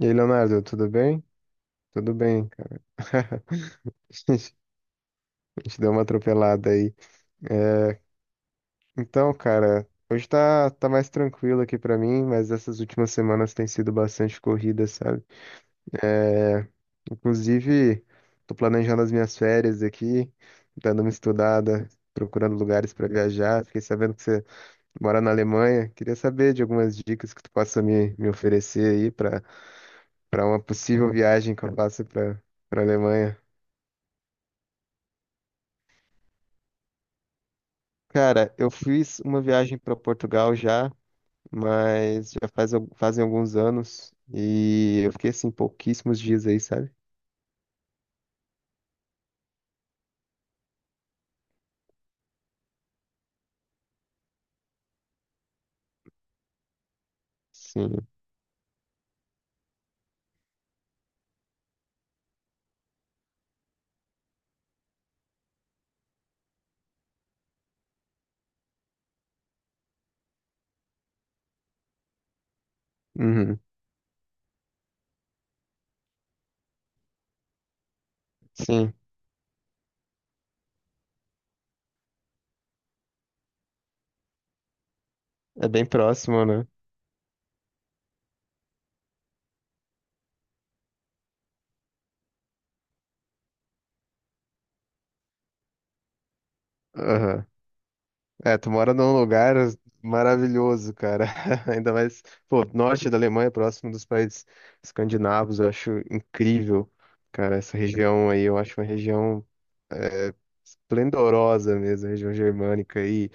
E aí, Leonardo, tudo bem? Tudo bem, cara. A gente a gente deu uma atropelada aí. É, então, cara, hoje tá mais tranquilo aqui pra mim, mas essas últimas semanas tem sido bastante corrida, sabe? É, Inclusive, tô planejando as minhas férias aqui, dando uma estudada, procurando lugares pra viajar. Fiquei sabendo que você mora na Alemanha. Queria saber de algumas dicas que tu possa me oferecer aí pra para uma possível viagem que eu faça pra para Alemanha. Cara, eu fiz uma viagem para Portugal já, mas já faz, fazem alguns anos e eu fiquei assim pouquíssimos dias aí, sabe? Sim. Uhum. Sim. É bem próximo, né? Aham. É, tu mora num lugar maravilhoso, cara. Ainda mais, pô, norte da Alemanha, próximo dos países escandinavos, eu acho incrível, cara, essa região aí, eu acho uma região esplendorosa mesmo, a região germânica e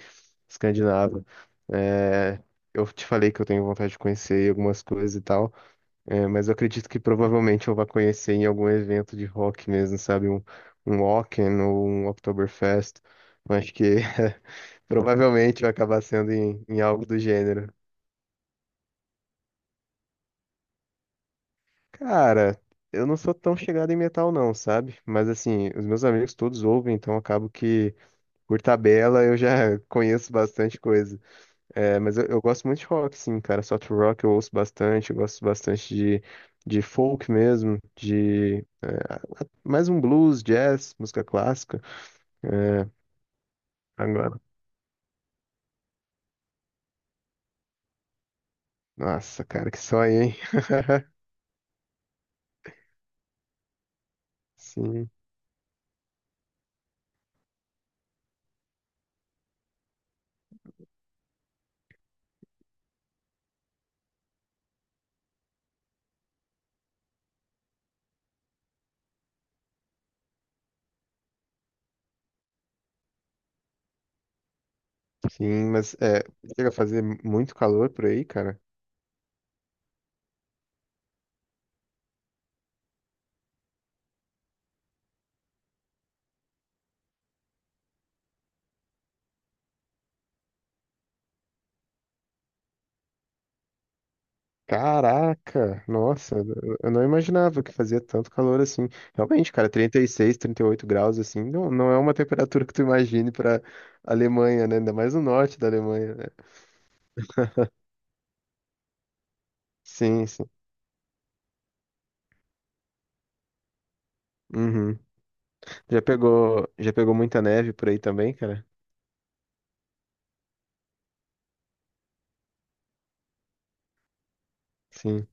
escandinava. É, eu te falei que eu tenho vontade de conhecer algumas coisas e tal, é, mas eu acredito que provavelmente eu vá conhecer em algum evento de rock mesmo, sabe? Um Wacken ou um Oktoberfest. Eu acho que provavelmente vai acabar sendo em algo do gênero. Cara, eu não sou tão chegado em metal não, sabe? Mas assim, os meus amigos todos ouvem, então acabo que, por tabela, eu já conheço bastante coisa. É, eu gosto muito de rock, sim, cara. Soft rock eu ouço bastante, eu gosto bastante de folk mesmo, mais um blues, jazz, música clássica. É, agora. Nossa, cara, que sonho, hein? Sim, sim, mas é, chega a fazer muito calor por aí, cara. Caraca, nossa, eu não imaginava que fazia tanto calor assim. Realmente, cara, 36, 38 graus assim, não, não é uma temperatura que tu imagine pra Alemanha, né? Ainda mais no norte da Alemanha, né? Sim, sim. Uhum. Já pegou muita neve por aí também, cara? Sim.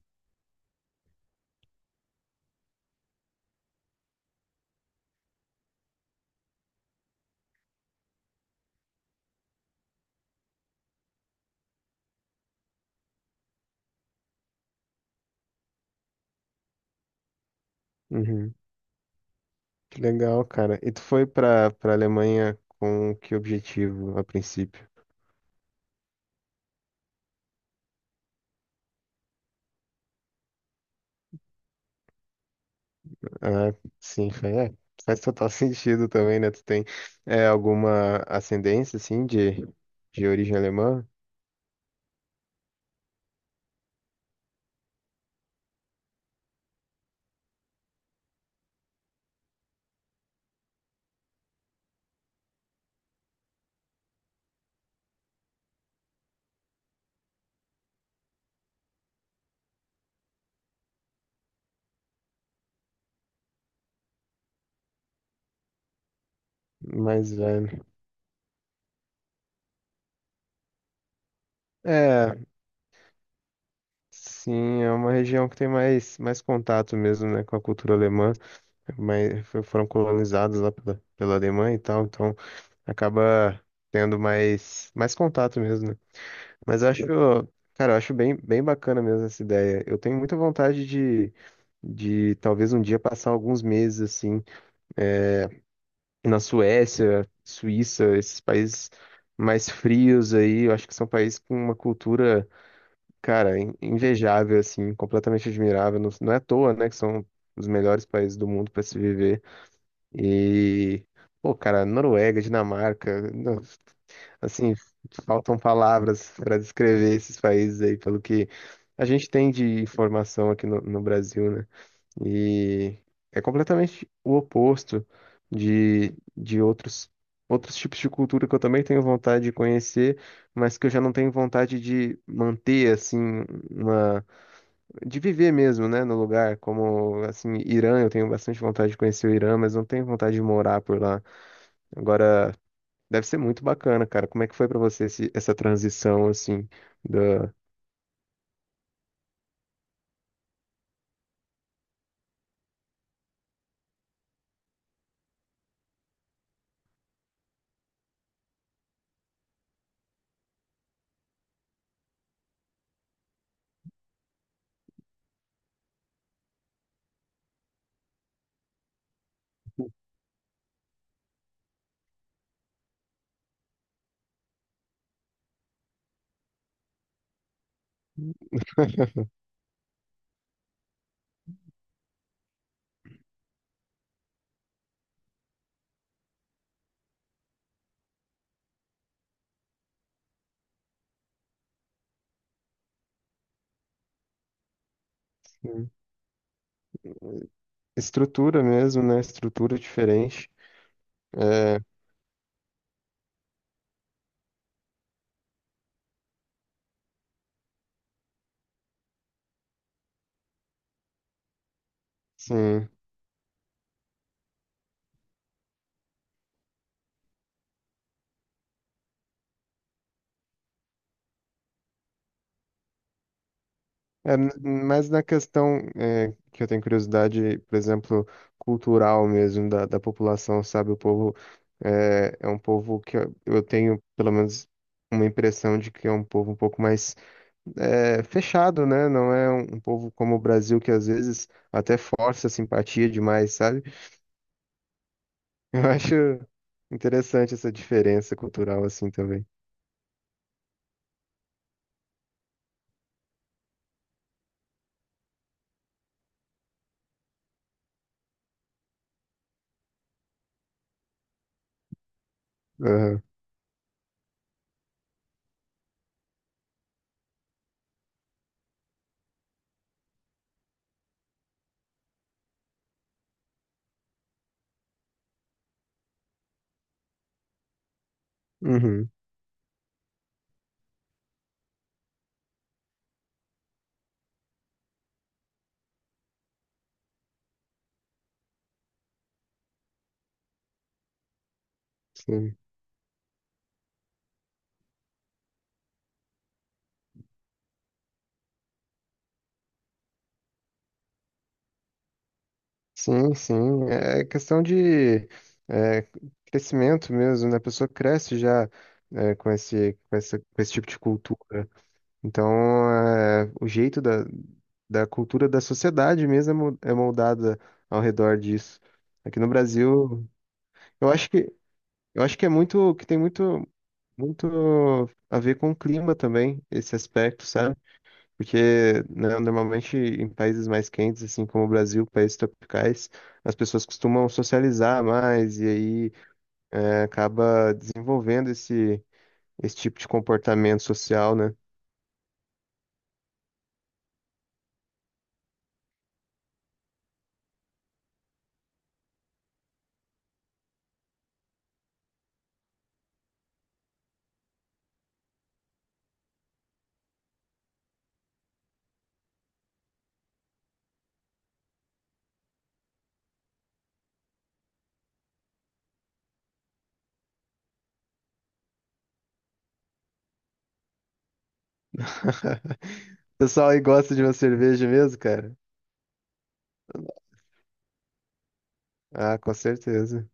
Uhum. Que legal, cara. E tu foi pra Alemanha com que objetivo a princípio? Ah, sim, foi, é, faz total sentido também, né? Tu tem é, alguma ascendência, assim, de origem alemã? Mais velho. É, sim, é uma região que tem mais, mais contato mesmo, né, com a cultura alemã, mas foram colonizados lá pela, pela Alemanha e tal, então acaba tendo mais, mais contato mesmo, né? Mas eu acho, cara, eu acho bem, bem bacana mesmo essa ideia. Eu tenho muita vontade de talvez um dia passar alguns meses assim na Suécia, Suíça, esses países mais frios aí. Eu acho que são países com uma cultura, cara, invejável assim, completamente admirável. Não, não é à toa, né, que são os melhores países do mundo para se viver. E pô, cara, Noruega, Dinamarca, assim, faltam palavras para descrever esses países aí, pelo que a gente tem de informação aqui no Brasil, né? E é completamente o oposto de outros, outros tipos de cultura que eu também tenho vontade de conhecer, mas que eu já não tenho vontade de manter, assim, uma... de viver mesmo, né, no lugar, como, assim, Irã, eu tenho bastante vontade de conhecer o Irã, mas não tenho vontade de morar por lá. Agora, deve ser muito bacana, cara. Como é que foi pra você essa transição, assim, da estrutura mesmo, né? Estrutura diferente. É, sim. É, mas na questão, é, que eu tenho curiosidade, por exemplo, cultural mesmo, da, da população, sabe? O povo é, é um povo que eu tenho, pelo menos, uma impressão de que é um povo um pouco mais é, fechado, né? Não é um, um povo como o Brasil, que às vezes até força a simpatia demais, sabe? Eu acho interessante essa diferença cultural assim também. Aham. Uhum. Sim, sim, sim. É questão de é, crescimento mesmo, né? A pessoa cresce já é, com esse, com essa, com esse tipo de cultura. Então, é, o jeito da, da cultura da sociedade mesmo é é moldada ao redor disso. Aqui no Brasil, eu acho que, eu acho que é muito, que tem muito, muito a ver com o clima também, esse aspecto, sabe? Porque, né, normalmente em países mais quentes, assim como o Brasil, países tropicais, as pessoas costumam socializar mais e aí é, acaba desenvolvendo esse, esse tipo de comportamento social, né? O pessoal aí gosta de uma cerveja mesmo, cara? Ah, com certeza.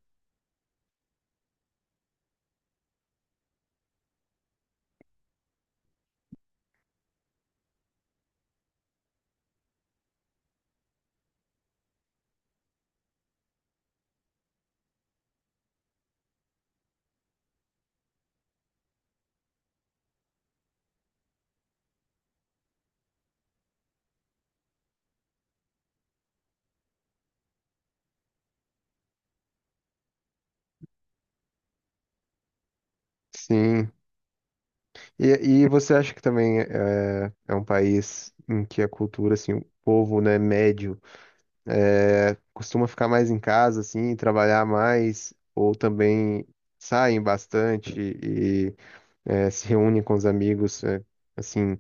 Sim. E, e você acha que também é, é um país em que a cultura, assim, o povo, né, médio, é, costuma ficar mais em casa, assim, trabalhar mais, ou também saem bastante e é, se reúnem com os amigos, é, assim,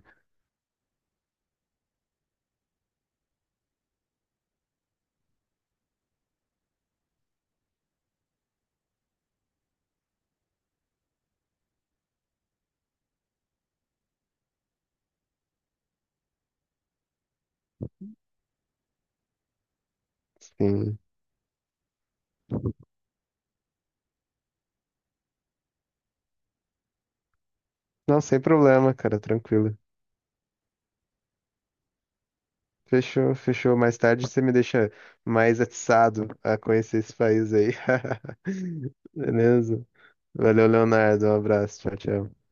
sim. Não, sem problema, cara, tranquilo. Fechou, fechou. Mais tarde você me deixa mais atiçado a conhecer esse país aí. Beleza? Valeu, Leonardo. Um abraço. Tchau, tchau.